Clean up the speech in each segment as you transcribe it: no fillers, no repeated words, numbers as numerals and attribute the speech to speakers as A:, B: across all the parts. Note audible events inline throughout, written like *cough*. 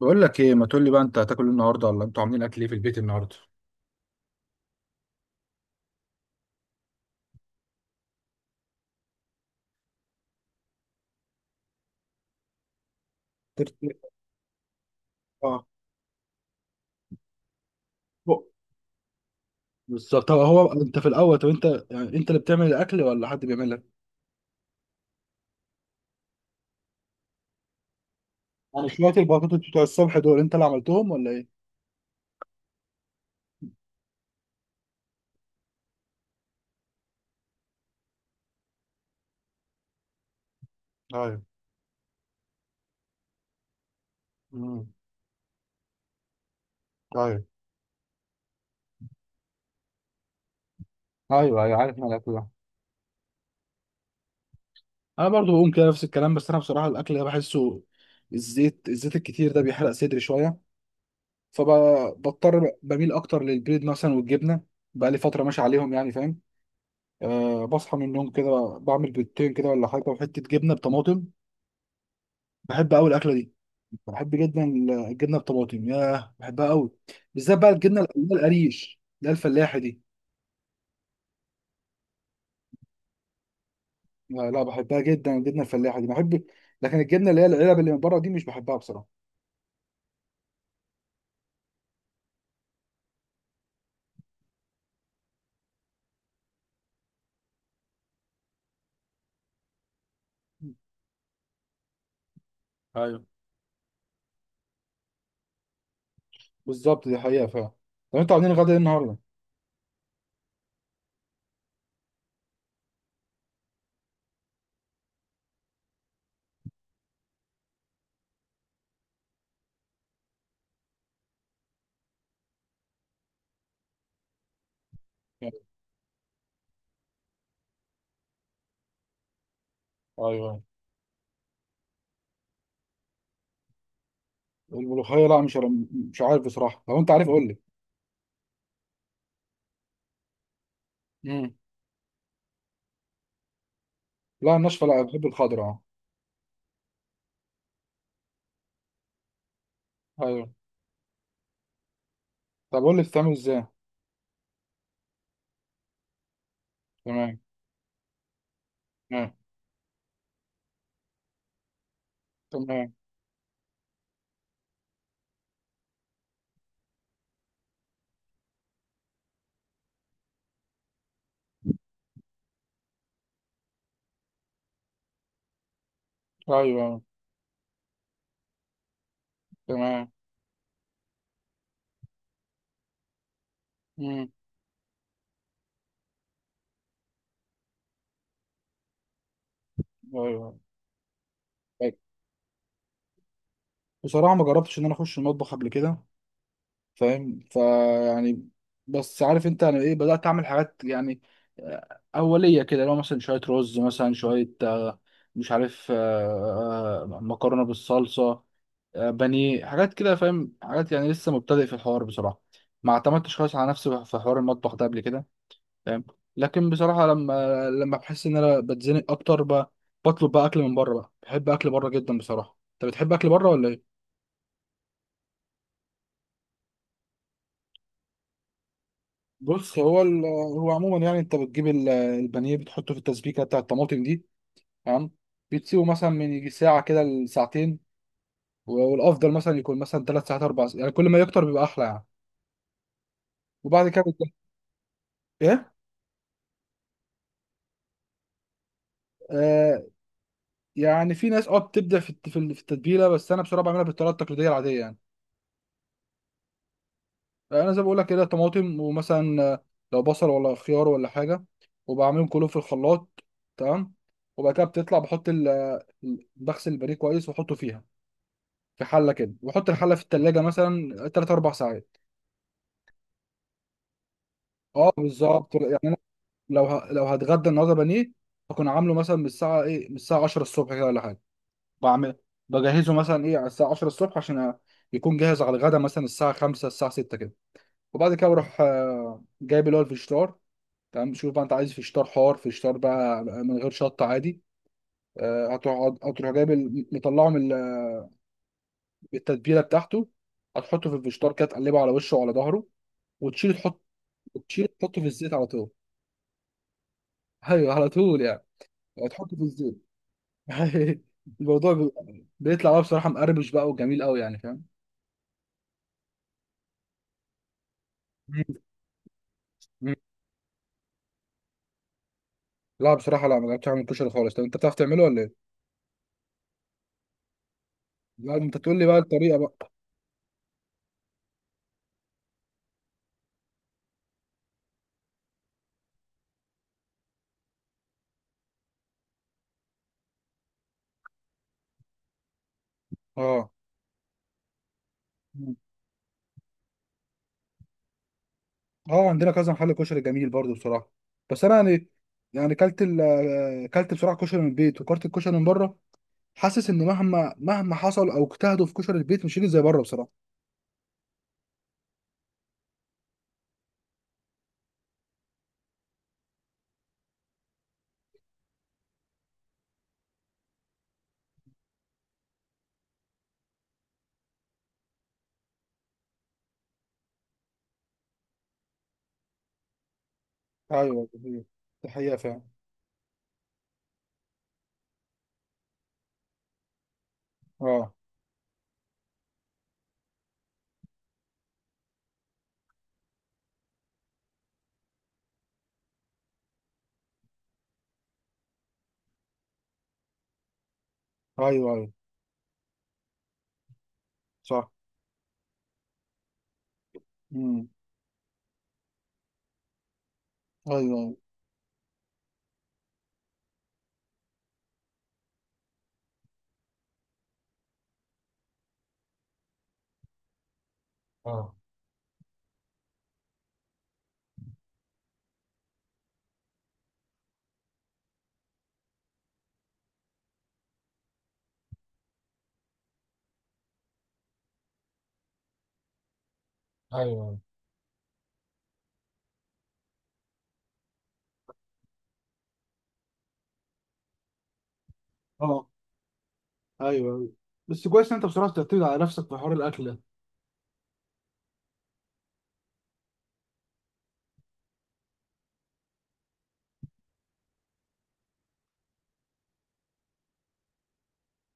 A: بقول لك ايه، ما تقول لي بقى انت هتاكل إيه النهارده، ولا انتوا عاملين اكل ايه في البيت النهارده؟ ترتيب. اه. هو- بالظبط. طب هو انت في الاول، طب انت يعني انت اللي بتعمل الاكل ولا حد بيعمل لك؟ يعني شويه البطاطس بتوع الصبح دول انت اللي عملتهم ولا ايه؟ ايوه. امم. ايوه. ايوه ايوه، عارف انا الاكل ده. انا برضو بقوم كده نفس الكلام، بس انا بصراحه الاكل ده بحسه، الزيت الزيت الكتير ده بيحرق صدري شويه، فبضطر بميل اكتر للبيض مثلا والجبنه، بقى لي فتره ماشي عليهم يعني، فاهم. أه، بصحى من النوم كده بعمل بيضتين كده ولا حاجة، وحتة جبنة بطماطم. بحب أوي الأكلة دي. بحب جدا الجبنة بطماطم، ياه بحبها أوي، بالذات بقى الجبنة اللي هي القريش، اللي هي الفلاحة دي. لا لا، بحبها جدا الجبنة الفلاحة دي، بحب. لكن الجبنة اللي هي العلب اللي من بره دي مش بحبها بصراحة. ايوه بالظبط، دي حقيقة فعلا. طب أنتوا عاملين غدا إيه النهاردة؟ ايوه. لا، مش عارف بصراحة، لو أنت عارف قول لي. مم. لا الناشفة، لا بحب الخضرا. أه أيوه. طب قول لي بتتعمل إزاي؟ تمام. تمام. تمام. ايوه ايوه، تمام. امم. ايوه ايوه. طيب. بصراحه ما جربتش ان انا اخش المطبخ قبل كده، فاهم فيعني، بس عارف انت انا ايه، بدات اعمل حاجات يعني، اوليه كده لو مثلا شويه رز، مثلا شويه، مش عارف، مكرونه بالصلصه، بانيه، حاجات كده فاهم، حاجات يعني، لسه مبتدئ في الحوار بصراحه. ما اعتمدتش خالص على نفسي في حوار المطبخ ده قبل كده، فاهم. لكن بصراحه لما بحس ان انا بتزنق اكتر، بطلب بقى اكل من بره، بقى بحب اكل بره جدا بصراحه. انت بتحب اكل بره ولا ايه؟ بص، هو عموما يعني انت بتجيب البانيه، بتحطه في التسبيكه بتاع الطماطم دي. تمام. بتسيبه مثلا من يجي ساعه كده لساعتين، والافضل مثلا يكون مثلا ثلاث ساعات اربع ساعات، يعني كل ما يكتر بيبقى احلى يعني، وبعد كده ايه. آه. يعني في ناس اه بتبدع في في التتبيله، بس انا بصراحه بعملها بالطريقه التقليديه العاديه يعني. انا زي ما بقول لك كده، طماطم، ومثلا لو بصل ولا خيار ولا حاجه، وبعملهم كلهم في الخلاط. تمام. وبعد كده بتطلع بحط ال، بغسل البانيه كويس واحطه فيها، في حله كده، واحط الحله في التلاجة مثلا 3 4 ساعات. اه بالظبط، يعني انا لو هتغدى النهارده بانيه، هكون عامله مثلا من الساعه 10 الصبح كده ولا حاجه، بعمل بجهزه مثلا ايه على الساعه 10 الصبح، عشان يكون جاهز على الغدا مثلا الساعه 5 الساعه 6 كده. وبعد كده بروح جايب اللي هو الفشتار. تمام. شوف بقى انت عايز فيشتار حار، فيشتار بقى من غير شطه، عادي. هتقعد هتروح جايب مطلعه من التتبيله بتاعته، هتحطه في الفيشتار كده، تقلبه على وشه وعلى ظهره، وتشيل تحط وتشيل تحطه في الزيت على طول. ايوه، على طول يعني. هتحطه في الزيت. *laughs* الموضوع بيطلع بقى بصراحه مقرمش بقى وجميل قوي يعني، فاهم. مم. مم. لا بصراحه، لا ما جربتش اعمل كشري خالص. طب انت بتعرف تعمله ولا ايه؟ لا انت تقول لي بقى الطريقه بقى. اه. اه، عندنا كذا محل كشري جميل برضو بصراحه، بس انا يعني، يعني كلت بصراحه كشري من البيت وكلت الكشري من بره، حاسس ان مهما حصل او اجتهدوا في كشري البيت مش هيجي زي بره بصراحه. ايوه، دي حقيقة، دي حقيقه فعلا. اه. ايوه ايوه. صح. امم. ايوه ايوه. اه. ايوه. اه. ايوه ايوه، بس كويس ان انت بصراحه بتعتمد على نفسك في حوار الاكل ده.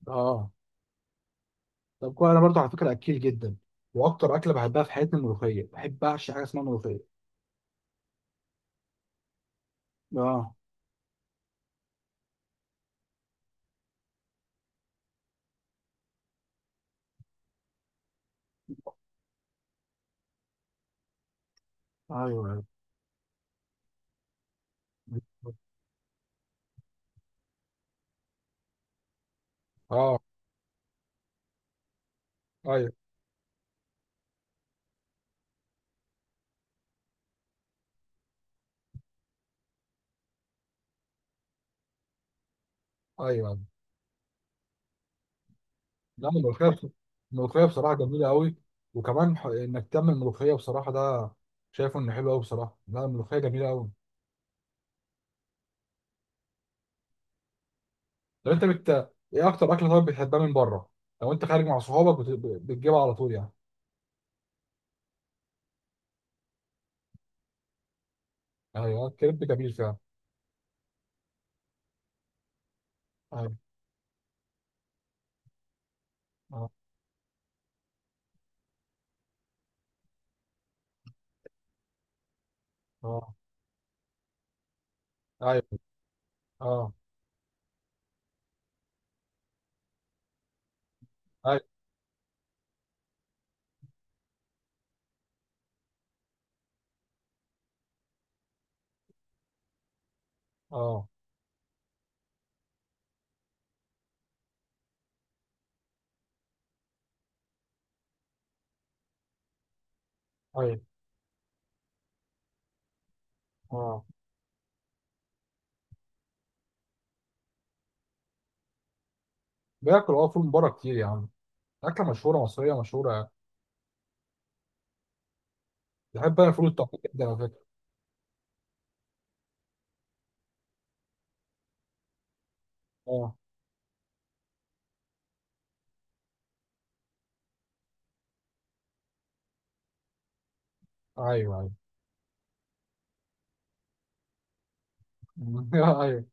A: اه. طب كويس، انا برضو على فكره اكيل جدا، واكتر اكله بحبها في حياتي الملوخيه، بحب اعشي حاجه اسمها ملوخيه. اه. ايوه ايوه. اه. ايوه ايوه. لا الملوخيه، الملوخيه بصراحه جميله قوي، وكمان انك تعمل ملوخيه بصراحه ده، شايفه انه حلو قوي بصراحه. لا الملوخيه جميله قوي. لو انت بت... ايه اكتر اكله طيب بتحبها من بره؟ لو انت خارج مع صحابك بت... بتجيبها على طول يعني؟ ايوه، الكريب جميل فعلا. ايوه. اه. اه. ايوه. اه. ايوه. اه. ايوه. اه. باكل اه فول من بره كتير يا عم، اكله مشهوره، مصريه مشهوره. بحب انا فول الطعميه جدا على فكره. اه. ايوه ايوه. *laughs* ايوه.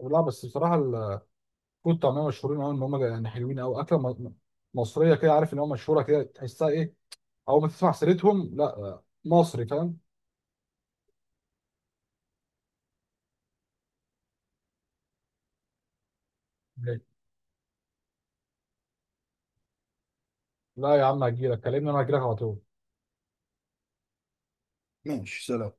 A: لا بس بصراحه الفول والطعميه مشهورين قوي، ان هم يعني حلوين قوي، اكله مصريه كده، عارف ان هو مشهوره كده، تحسها ايه اول ما تسمع سيرتهم؟ لا مصري، فاهم. ماشي. لا يا عم هجيلك، كلمني انا هجيلك على طول. ماشي، سلام.